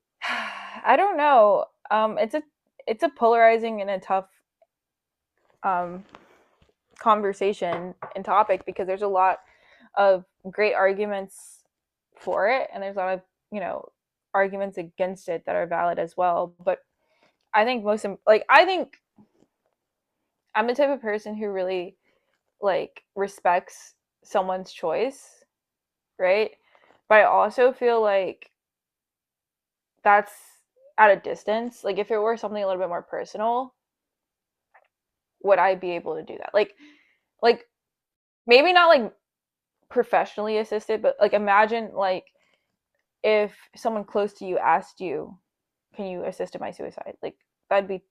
I don't know. It's a polarizing and a tough um, conversation and topic because there's a lot of great arguments for it, and there's a lot of you know arguments against it that are valid as well. But I think I'm the type of person who really like respects someone's choice, right? But I also feel like that's at a distance. Like if it were something a little bit more personal, would I be able to do that? Like maybe not like professionally assisted, but like imagine like if someone close to you asked you, "Can you assist in my suicide?" Like that'd be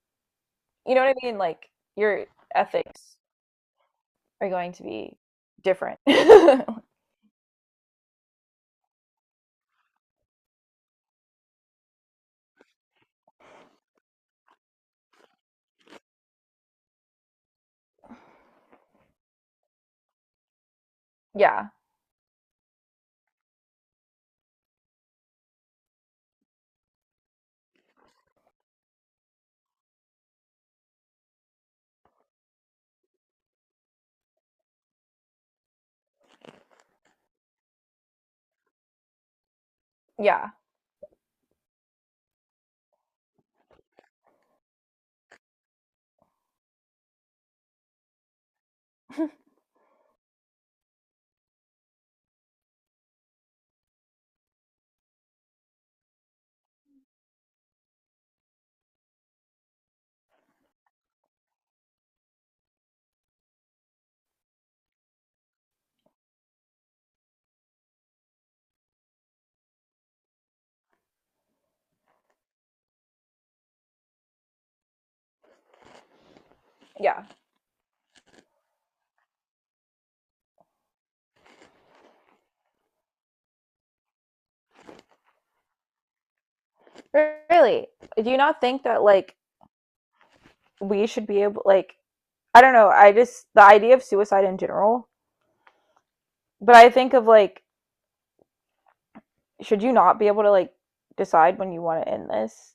you know what I mean? Like your ethics are going to be different. yeah. Yeah. Yeah. Really. Do you not think that like we should be able like I don't know, I just the idea of suicide in general, but I think of like should you not be able to like decide when you want to end this?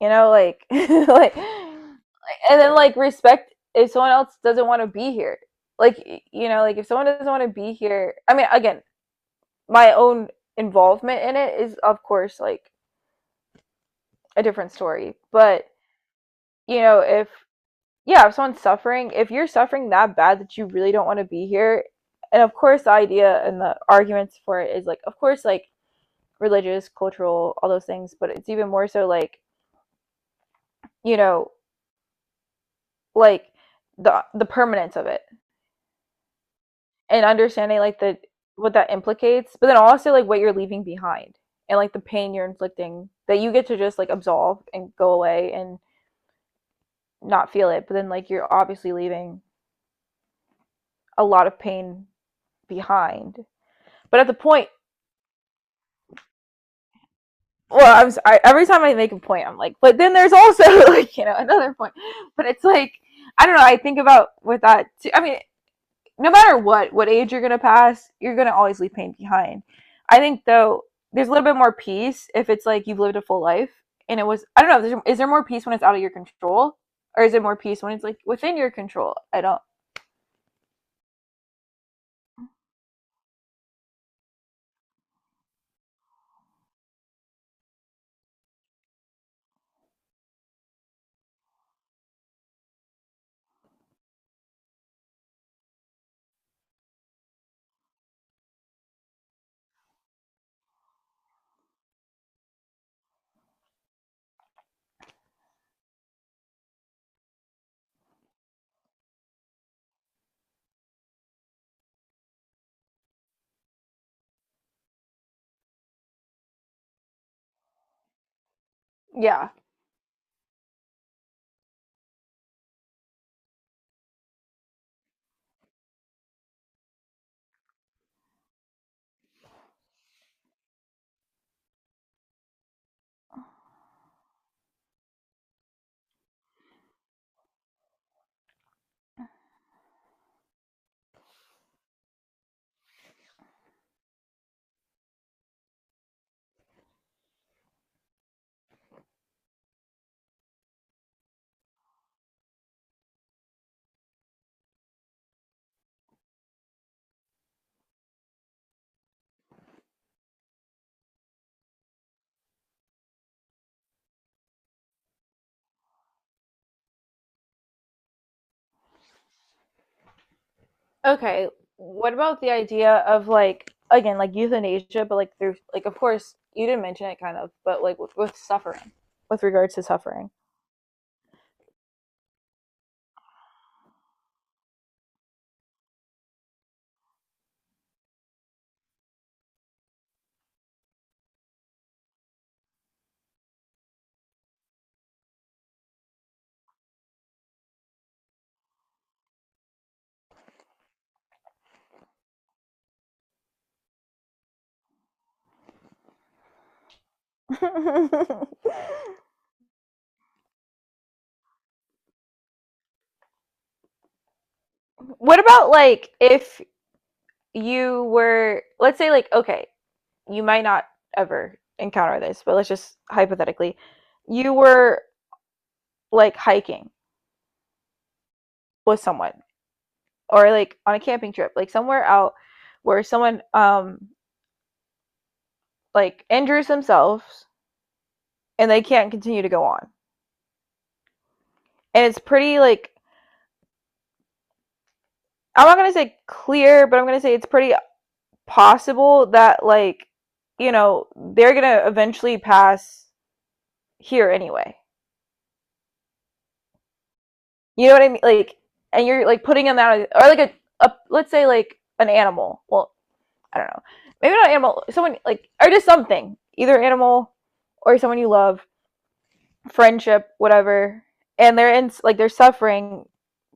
Like, like, and then like respect if someone else doesn't want to be here. Like, like if someone doesn't want to be here, I mean, again, my own involvement in it is of course like a different story. But, if yeah, if someone's suffering, if you're suffering that bad that you really don't want to be here, and of course the idea and the arguments for it is like of course like religious, cultural, all those things, but it's even more so like, you know, like the permanence of it and understanding like the what that implicates, but then also like what you're leaving behind and like the pain you're inflicting that you get to just like absolve and go away and not feel it, but then like you're obviously leaving a lot of pain behind. But at the point, well, I, every time I make a point, I'm like, but then there's also like another point, but it's like I don't know. I think about with that too. I mean, no matter what age you're gonna pass, you're gonna always leave pain behind. I think though, there's a little bit more peace if it's like you've lived a full life and it was. I don't know. Is there more peace when it's out of your control, or is it more peace when it's like within your control? I don't. Yeah. Okay. What about the idea of like again like euthanasia, but like through like of course you didn't mention it kind of, but like with suffering, with regards to suffering. What about like if you were, let's say, like, okay, you might not ever encounter this, but let's just hypothetically, you were like hiking with someone or like on a camping trip, like somewhere out where someone like injures themselves and they can't continue to go on. And it's pretty like I'm not gonna say clear, but I'm gonna say it's pretty possible that like, you know, they're gonna eventually pass here anyway. You know what I mean? Like, and you're like putting them out, or like a let's say like an animal. Well, I don't know. Maybe not an animal. Someone like, or just something. Either animal or someone you love, friendship, whatever. And they're in like they're suffering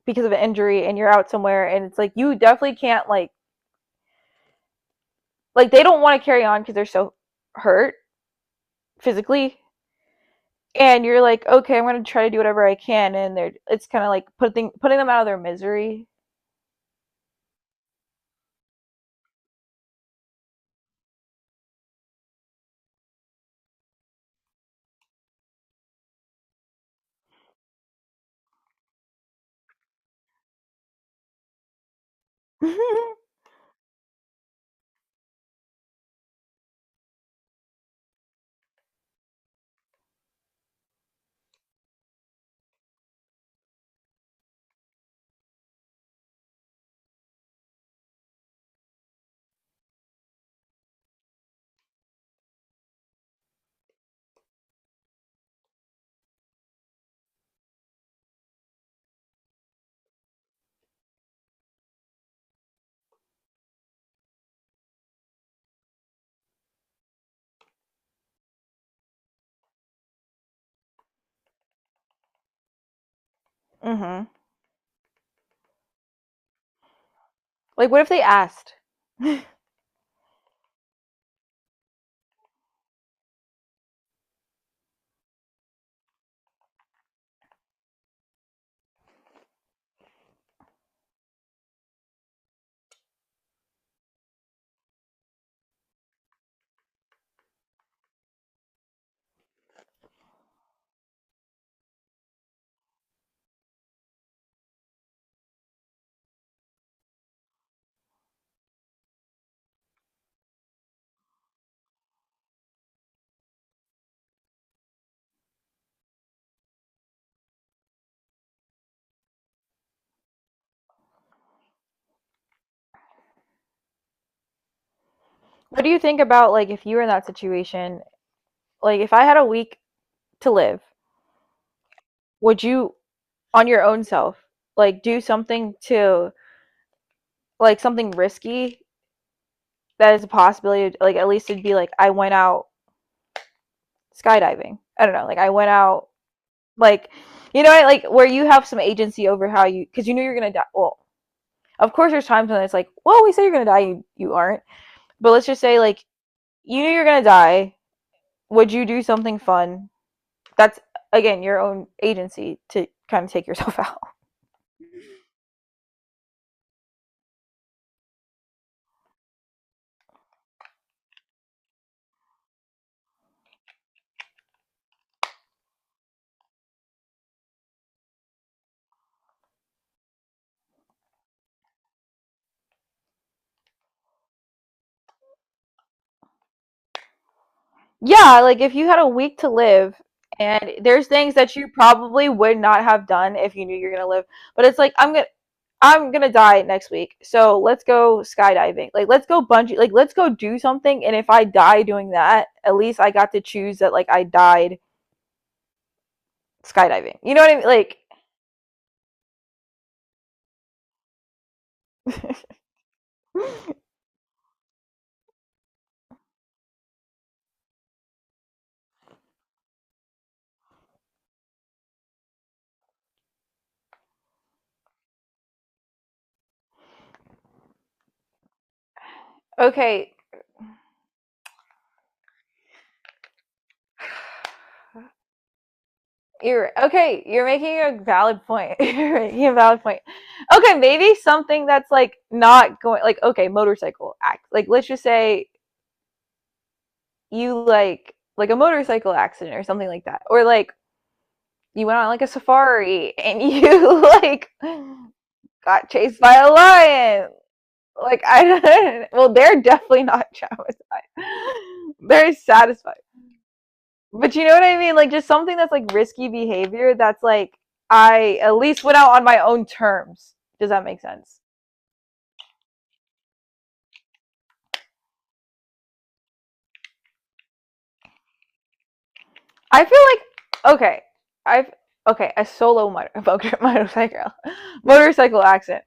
because of an injury, and you're out somewhere, and it's like you definitely can't like they don't want to carry on because they're so hurt physically and you're like okay, I'm going to try to do whatever I can and they're it's kind of like putting them out of their misery. Mm-hmm. Like, what if they asked? What do you think about like if you were in that situation? Like, if I had a week to live, would you, on your own self, like do something to like something risky that is a possibility? Like, at least it'd be like I went out skydiving. I don't know. Like, I went out like, like where you have some agency over how you because you knew you're gonna die. Well, of course, there's times when it's like, well, we said you're gonna die, you aren't. But let's just say like you knew you're gonna die. Would you do something fun that's again your own agency to kind of take yourself out. Yeah, like if you had a week to live and there's things that you probably would not have done if you knew you're going to live, but it's like I'm going to I'm gonna die next week, so let's go skydiving. Like, let's go bungee. Like, let's go do something. And if I die doing that, at least I got to choose that. Like, I died skydiving. You know what I mean? Like, okay. You're okay. You're making a valid point. You're making a valid point. Okay, maybe something that's like not going like okay, motorcycle act. Like let's just say you like a motorcycle accident or something like that. Or like you went on like a safari and you like got chased by a lion. Like I don't well, they're definitely not traumatized. They're satisfied. But you know what I mean? Like just something that's like risky behavior that's like I at least went out on my own terms. Does that make sense? I feel like okay. I've okay, a solo motorcycle motorcycle accident.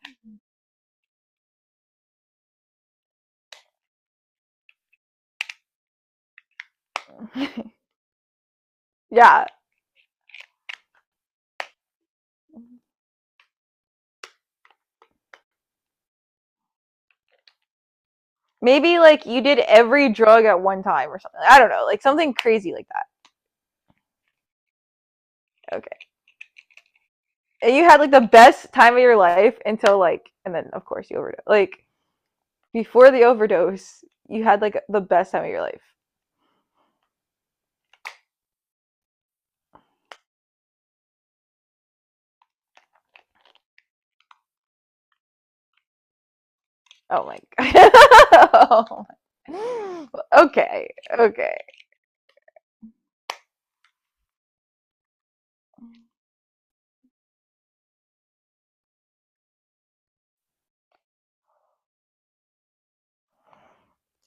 Yeah. Maybe like you did every drug at one time or something. I don't know. Like something crazy like that. Okay. And you had like the best time of your life until like and then of course you overdose. Like before the overdose, you had like the best time of your life. Oh my god. Oh my- Okay. Okay.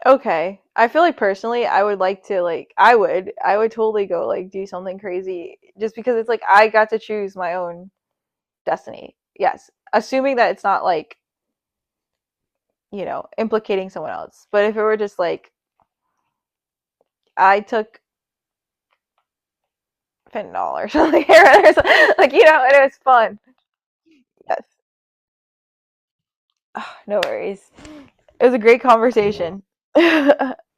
Okay. I feel like personally I would like to like I would totally go like do something crazy just because it's like I got to choose my own destiny. Yes. Assuming that it's not like, implicating someone else. But if it were just like I took fentanyl or something or something, like and it was fun. Yes. Ah, no worries. It was a great conversation.